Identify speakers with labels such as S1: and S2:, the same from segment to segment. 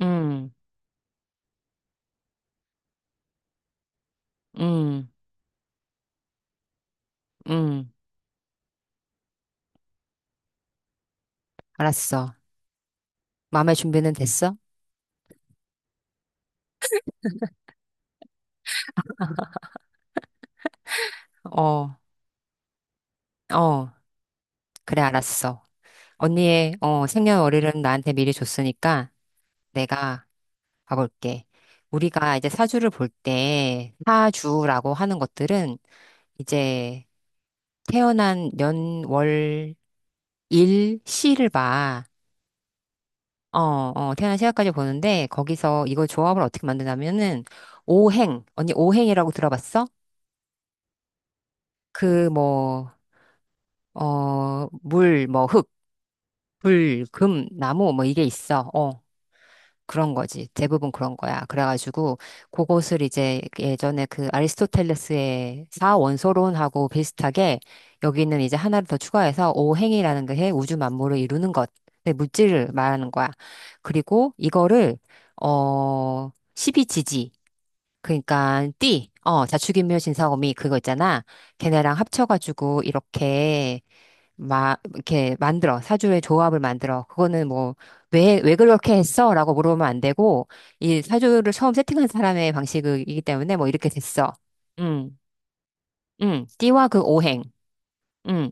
S1: 응, 응, 응. 알았어. 마음의 준비는 됐어? 어, 어. 그래, 알았어. 언니의 생년월일은 나한테 미리 줬으니까 내가 가볼게. 우리가 이제 사주를 볼 때, 사주라고 하는 것들은 이제 태어난 년, 월, 일, 시를 봐. 태어난 시간까지 보는데, 거기서 이거 조합을 어떻게 만드냐면은, 오행. 언니 오행이라고 들어봤어? 그 뭐, 물, 뭐, 흙, 불, 금, 나무, 뭐, 이게 있어. 그런 거지. 대부분 그런 거야. 그래가지고, 그것을 이제 예전에 그 아리스토텔레스의 사원소론하고 비슷하게, 여기는 이제 하나를 더 추가해서 오행이라는 게 우주 만물을 이루는 것, 내 물질을 말하는 거야. 그리고 이거를, 십이지지. 그러니까 띠, 자축인묘 진사오미 그거 있잖아. 걔네랑 합쳐가지고 이렇게 막 이렇게 만들어 사주의 조합을 만들어. 그거는 뭐 왜 그렇게 했어라고 물어보면 안 되고, 이 사주를 처음 세팅한 사람의 방식이기 때문에 뭐 이렇게 됐어. 음 띠와 그 오행. 음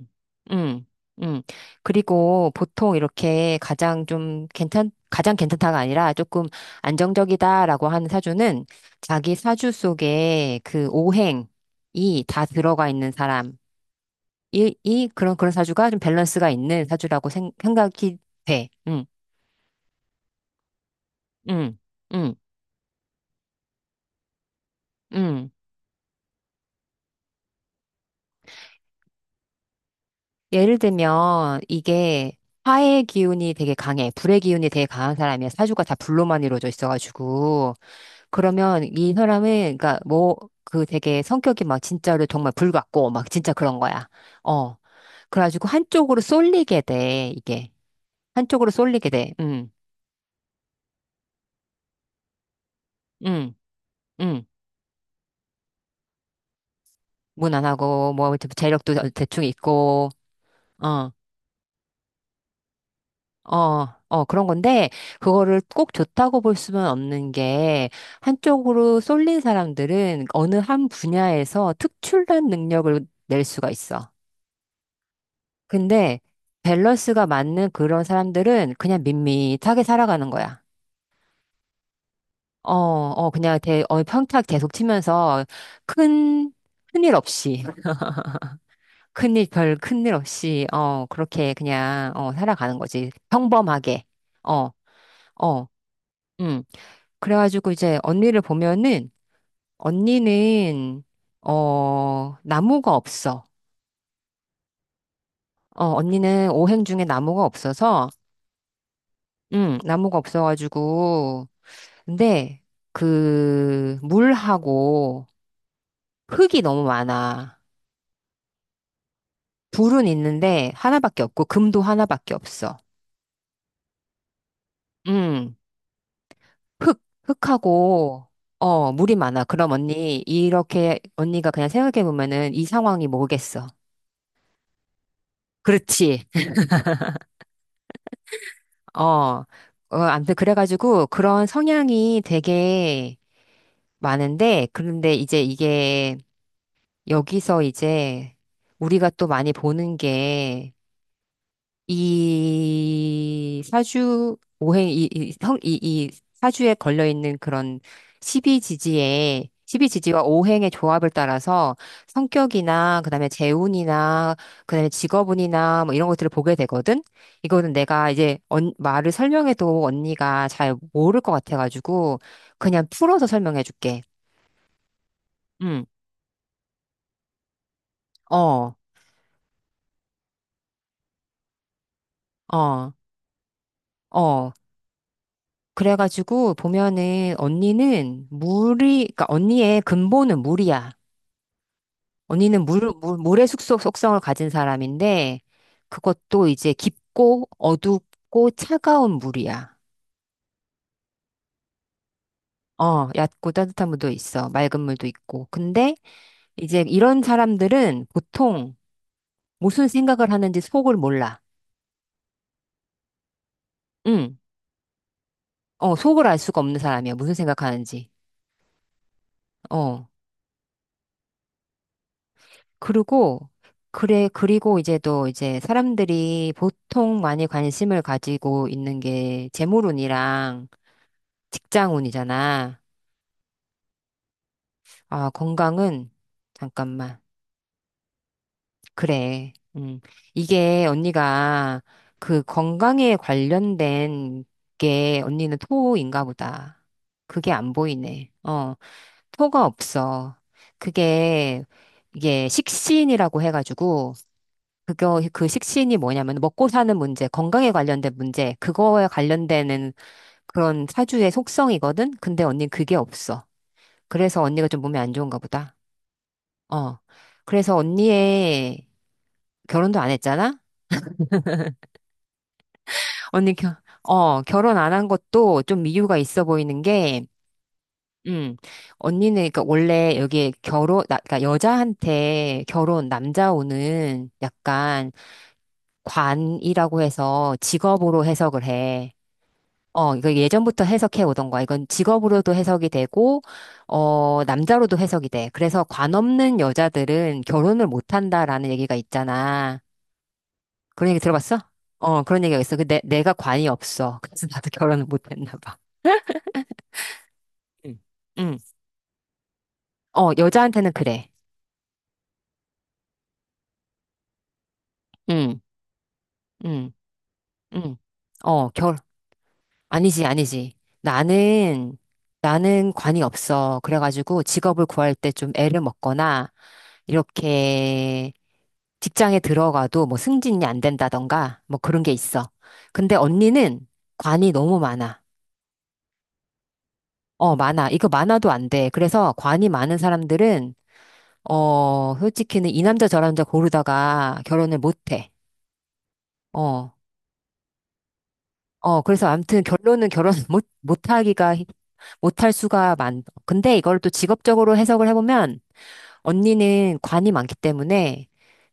S1: 음 음 그리고 보통 이렇게 가장 괜찮다가 아니라 조금 안정적이다라고 하는 사주는 자기 사주 속에 그 오행이 다 들어가 있는 사람. 이, 이 그런 사주가 좀 밸런스가 있는 사주라고 생각이 돼. 응, 응, 응, 응. 예를 들면 이게 화의 기운이 되게 강해, 불의 기운이 되게 강한 사람이야. 사주가 다 불로만 이루어져 있어가지고 그러면 이 사람은 그러니까 뭐 그 되게 성격이 막 진짜로 정말 불 같고 막 진짜 그런 거야. 어, 그래가지고 한쪽으로 쏠리게 돼 이게, 한쪽으로 쏠리게 돼. 응, 응, 응. 무난하고 뭐 재력도 대충 있고. 어. 그런 건데, 그거를 꼭 좋다고 볼 수는 없는 게, 한쪽으로 쏠린 사람들은 어느 한 분야에서 특출난 능력을 낼 수가 있어. 근데, 밸런스가 맞는 그런 사람들은 그냥 밋밋하게 살아가는 거야. 그냥 평탁 계속 치면서 큰, 큰일 없이, 별 큰일 없이, 그렇게 그냥, 살아가는 거지. 평범하게. 어, 어. 음. 그래가지고 이제 언니를 보면은 언니는 나무가 없어. 언니는 오행 중에 나무가 없어서 나무가 없어가지고, 근데 그 물하고 흙이 너무 많아. 불은 있는데 하나밖에 없고 금도 하나밖에 없어. 음 흙하고 물이 많아. 그럼 언니, 이렇게 언니가 그냥 생각해 보면은 이 상황이 뭐겠어? 그렇지. 어, 어. 아무튼 그래가지고 그런 성향이 되게 많은데, 그런데 이제 이게 여기서 이제 우리가 또 많이 보는 게 이 사주 오행 이, 이, 성- 이, 이 사주에 걸려 있는 그런 십이지지의 십이지지와 오행의 조합을 따라서 성격이나 그다음에 재운이나 그다음에 직업운이나 뭐 이런 것들을 보게 되거든. 이거는 내가 이제 말을 설명해도 언니가 잘 모를 것 같아가지고 그냥 풀어서 설명해 줄게. 응. 어. 어. 어. 그래가지고 보면은 언니는 물이, 그러니까 언니의 근본은 물이야. 언니는 물의 숙소 속성을 가진 사람인데 그것도 이제 깊고 어둡고 차가운 물이야. 어, 얕고 따뜻한 물도 있어. 맑은 물도 있고. 근데 이제 이런 사람들은 보통 무슨 생각을 하는지 속을 몰라. 응. 어, 속을 알 수가 없는 사람이야. 무슨 생각하는지. 어. 그리고, 그래, 그리고 이제 또 이제 사람들이 보통 많이 관심을 가지고 있는 게 재물운이랑 직장운이잖아. 아, 건강은, 잠깐만. 그래. 음. 이게 언니가 그 건강에 관련된 게 언니는 토인가 보다. 그게 안 보이네. 토가 없어. 그게, 이게 식신이라고 해가지고, 그거, 그 식신이 뭐냐면 먹고 사는 문제, 건강에 관련된 문제, 그거에 관련되는 그런 사주의 속성이거든? 근데 언니 그게 없어. 그래서 언니가 좀 몸이 안 좋은가 보다. 어. 그래서 언니의 결혼도 안 했잖아? 언니, 결혼 안 한 것도 좀 이유가 있어 보이는 게, 음, 언니는, 그니까 원래 여기 결혼, 나, 그니까 여자한테 결혼, 남자 오는 약간 관이라고 해서 직업으로 해석을 해. 어, 이거 예전부터 해석해 오던 거야. 이건 직업으로도 해석이 되고, 어, 남자로도 해석이 돼. 그래서 관 없는 여자들은 결혼을 못 한다라는 얘기가 있잖아. 그런 얘기 들어봤어? 어, 그런 얘기가 있어. 근데 내가 관이 없어. 그래서 나도 결혼을 못 했나 봐. 응. 응. 어, 여자한테는 그래. 응. 응. 응. 어, 결 아니지, 아니지. 나는, 나는 관이 없어. 그래가지고 직업을 구할 때 좀 애를 먹거나, 이렇게 직장에 들어가도 뭐 승진이 안 된다던가, 뭐 그런 게 있어. 근데 언니는 관이 너무 많아. 어, 많아. 이거 많아도 안 돼. 그래서 관이 많은 사람들은, 어, 솔직히는 이 남자 저 남자 고르다가 결혼을 못 해. 어. 어, 그래서 아무튼 결론은 결혼 못, 못하기가, 힘- 못할 수가 많, 근데 이걸 또 직업적으로 해석을 해보면 언니는 관이 많기 때문에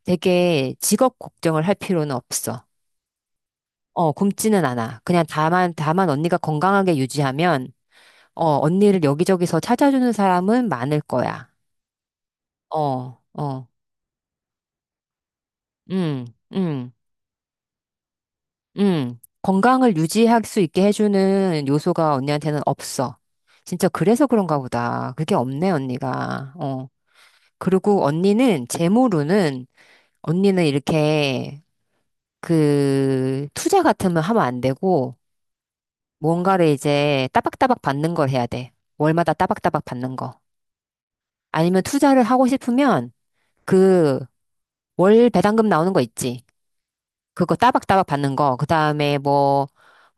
S1: 되게 직업 걱정을 할 필요는 없어. 어, 굶지는 않아. 그냥 다만, 다만 언니가 건강하게 유지하면, 어, 언니를 여기저기서 찾아주는 사람은 많을 거야. 어, 어, 음, 음. 건강을 유지할 수 있게 해주는 요소가 언니한테는 없어. 진짜 그래서 그런가 보다. 그게 없네, 언니가. 어. 그리고 언니는, 제 모로는, 언니는 이렇게, 그, 투자 같으면 하면 안 되고, 뭔가를 이제 따박따박 받는 걸 해야 돼. 월마다 따박따박 받는 거. 아니면 투자를 하고 싶으면, 그, 월 배당금 나오는 거 있지. 그거 따박따박 받는 거. 그 다음에 뭐,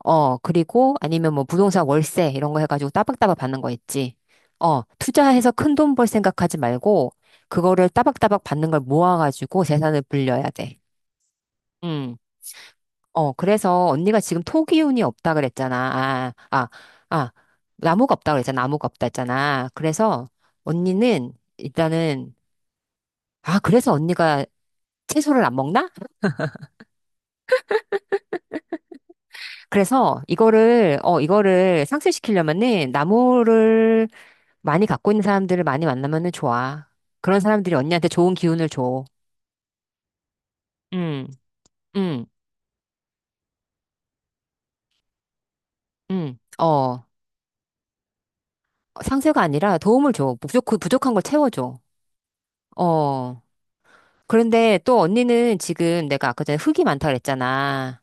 S1: 어, 그리고 아니면 뭐 부동산 월세 이런 거 해가지고 따박따박 받는 거 있지. 어, 투자해서 큰 돈 벌 생각하지 말고 그거를 따박따박 받는 걸 모아가지고 재산을 불려야 돼. 음. 어, 그래서 언니가 지금 토기운이 없다 그랬잖아. 아, 나무가 없다 그랬잖아. 나무가 없다 했잖아. 그래서 언니는 일단은, 아, 그래서 언니가 채소를 안 먹나? 그래서 이거를, 어, 이거를 상쇄시키려면은 나무를 많이 갖고 있는 사람들을 많이 만나면은 좋아. 그런 사람들이 언니한테 좋은 기운을 줘. 음, 음, 어. 상쇄가 아니라 도움을 줘. 부족한 걸 채워줘. 어. 그런데 또 언니는 지금 내가 아까 전에 흙이 많다 그랬잖아.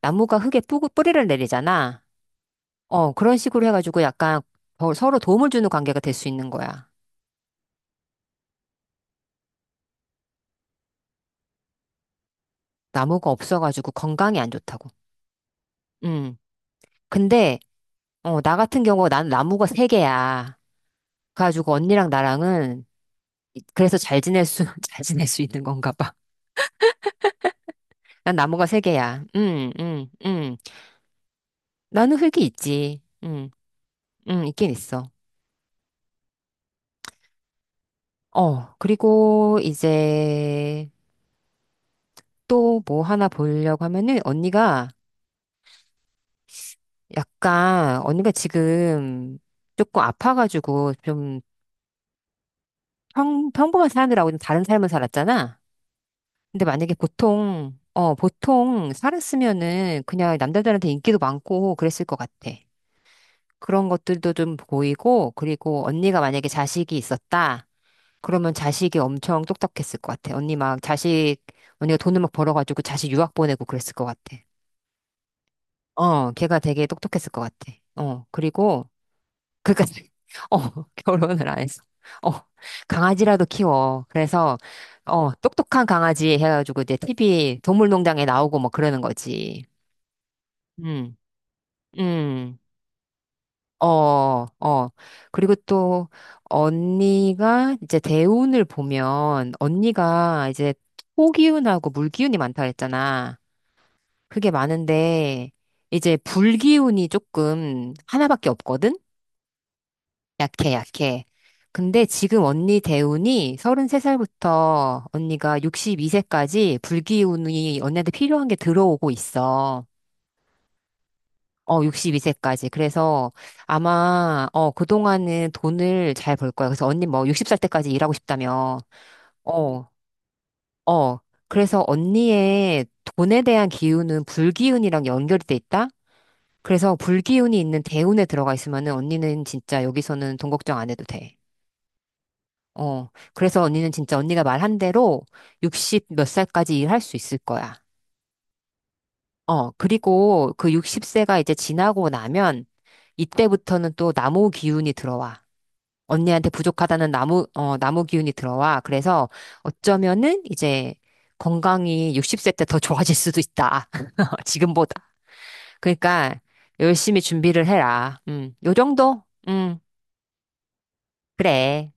S1: 나무가 흙에 뿌리를 내리잖아. 어, 그런 식으로 해가지고 약간 더 서로 도움을 주는 관계가 될 수 있는 거야. 나무가 없어가지고 건강이 안 좋다고. 음. 근데 어, 나 같은 경우 난 나무가 세 개야. 그래가지고 언니랑 나랑은 그래서 잘 지낼 수, 잘 지낼 수 있는 건가 봐. 난 나무가 세 개야. 응. 응. 응. 나는 흙이 있지. 응. 응, 있긴 있어. 어, 그리고 이제 또 뭐 하나 보려고 하면은 언니가 약간 언니가 지금 조금 아파가지고 좀 평범한 사람들하고 좀 다른 삶을 살았잖아. 근데 만약에 보통, 어, 보통 살았으면은 그냥 남자들한테 인기도 많고 그랬을 것 같아. 그런 것들도 좀 보이고, 그리고 언니가 만약에 자식이 있었다. 그러면 자식이 엄청 똑똑했을 것 같아. 언니 막 자식, 언니가 돈을 막 벌어가지고 자식 유학 보내고 그랬을 것 같아. 어, 걔가 되게 똑똑했을 것 같아. 어, 그리고 그러니까 어, 결혼을 안 했어. 어, 강아지라도 키워. 그래서 어, 똑똑한 강아지 해가지고 이제 TV 동물농장에 나오고 뭐 그러는 거지. 음, 음, 어, 어. 그리고 또 언니가 이제 대운을 보면 언니가 이제 토기운하고 물기운이 많다 그랬잖아. 그게 많은데 이제 불기운이 조금 하나밖에 없거든. 약해, 약해. 근데 지금 언니 대운이 33살부터 언니가 62세까지 불기운이 언니한테 필요한 게 들어오고 있어. 어, 62세까지. 그래서 아마, 어, 그동안은 돈을 잘 벌 거야. 그래서 언니 뭐 60살 때까지 일하고 싶다며. 어, 어. 그래서 언니의 돈에 대한 기운은 불기운이랑 연결이 돼 있다? 그래서 불기운이 있는 대운에 들어가 있으면은 언니는 진짜 여기서는 돈 걱정 안 해도 돼. 어, 그래서 언니는 진짜 언니가 말한 대로 60 몇 살까지 일할 수 있을 거야. 어, 그리고 그 60세가 이제 지나고 나면 이때부터는 또 나무 기운이 들어와. 언니한테 부족하다는 나무, 어, 나무 기운이 들어와. 그래서 어쩌면은 이제 건강이 60세 때 더 좋아질 수도 있다. 지금보다. 그러니까 열심히 준비를 해라. 요 정도? 그래.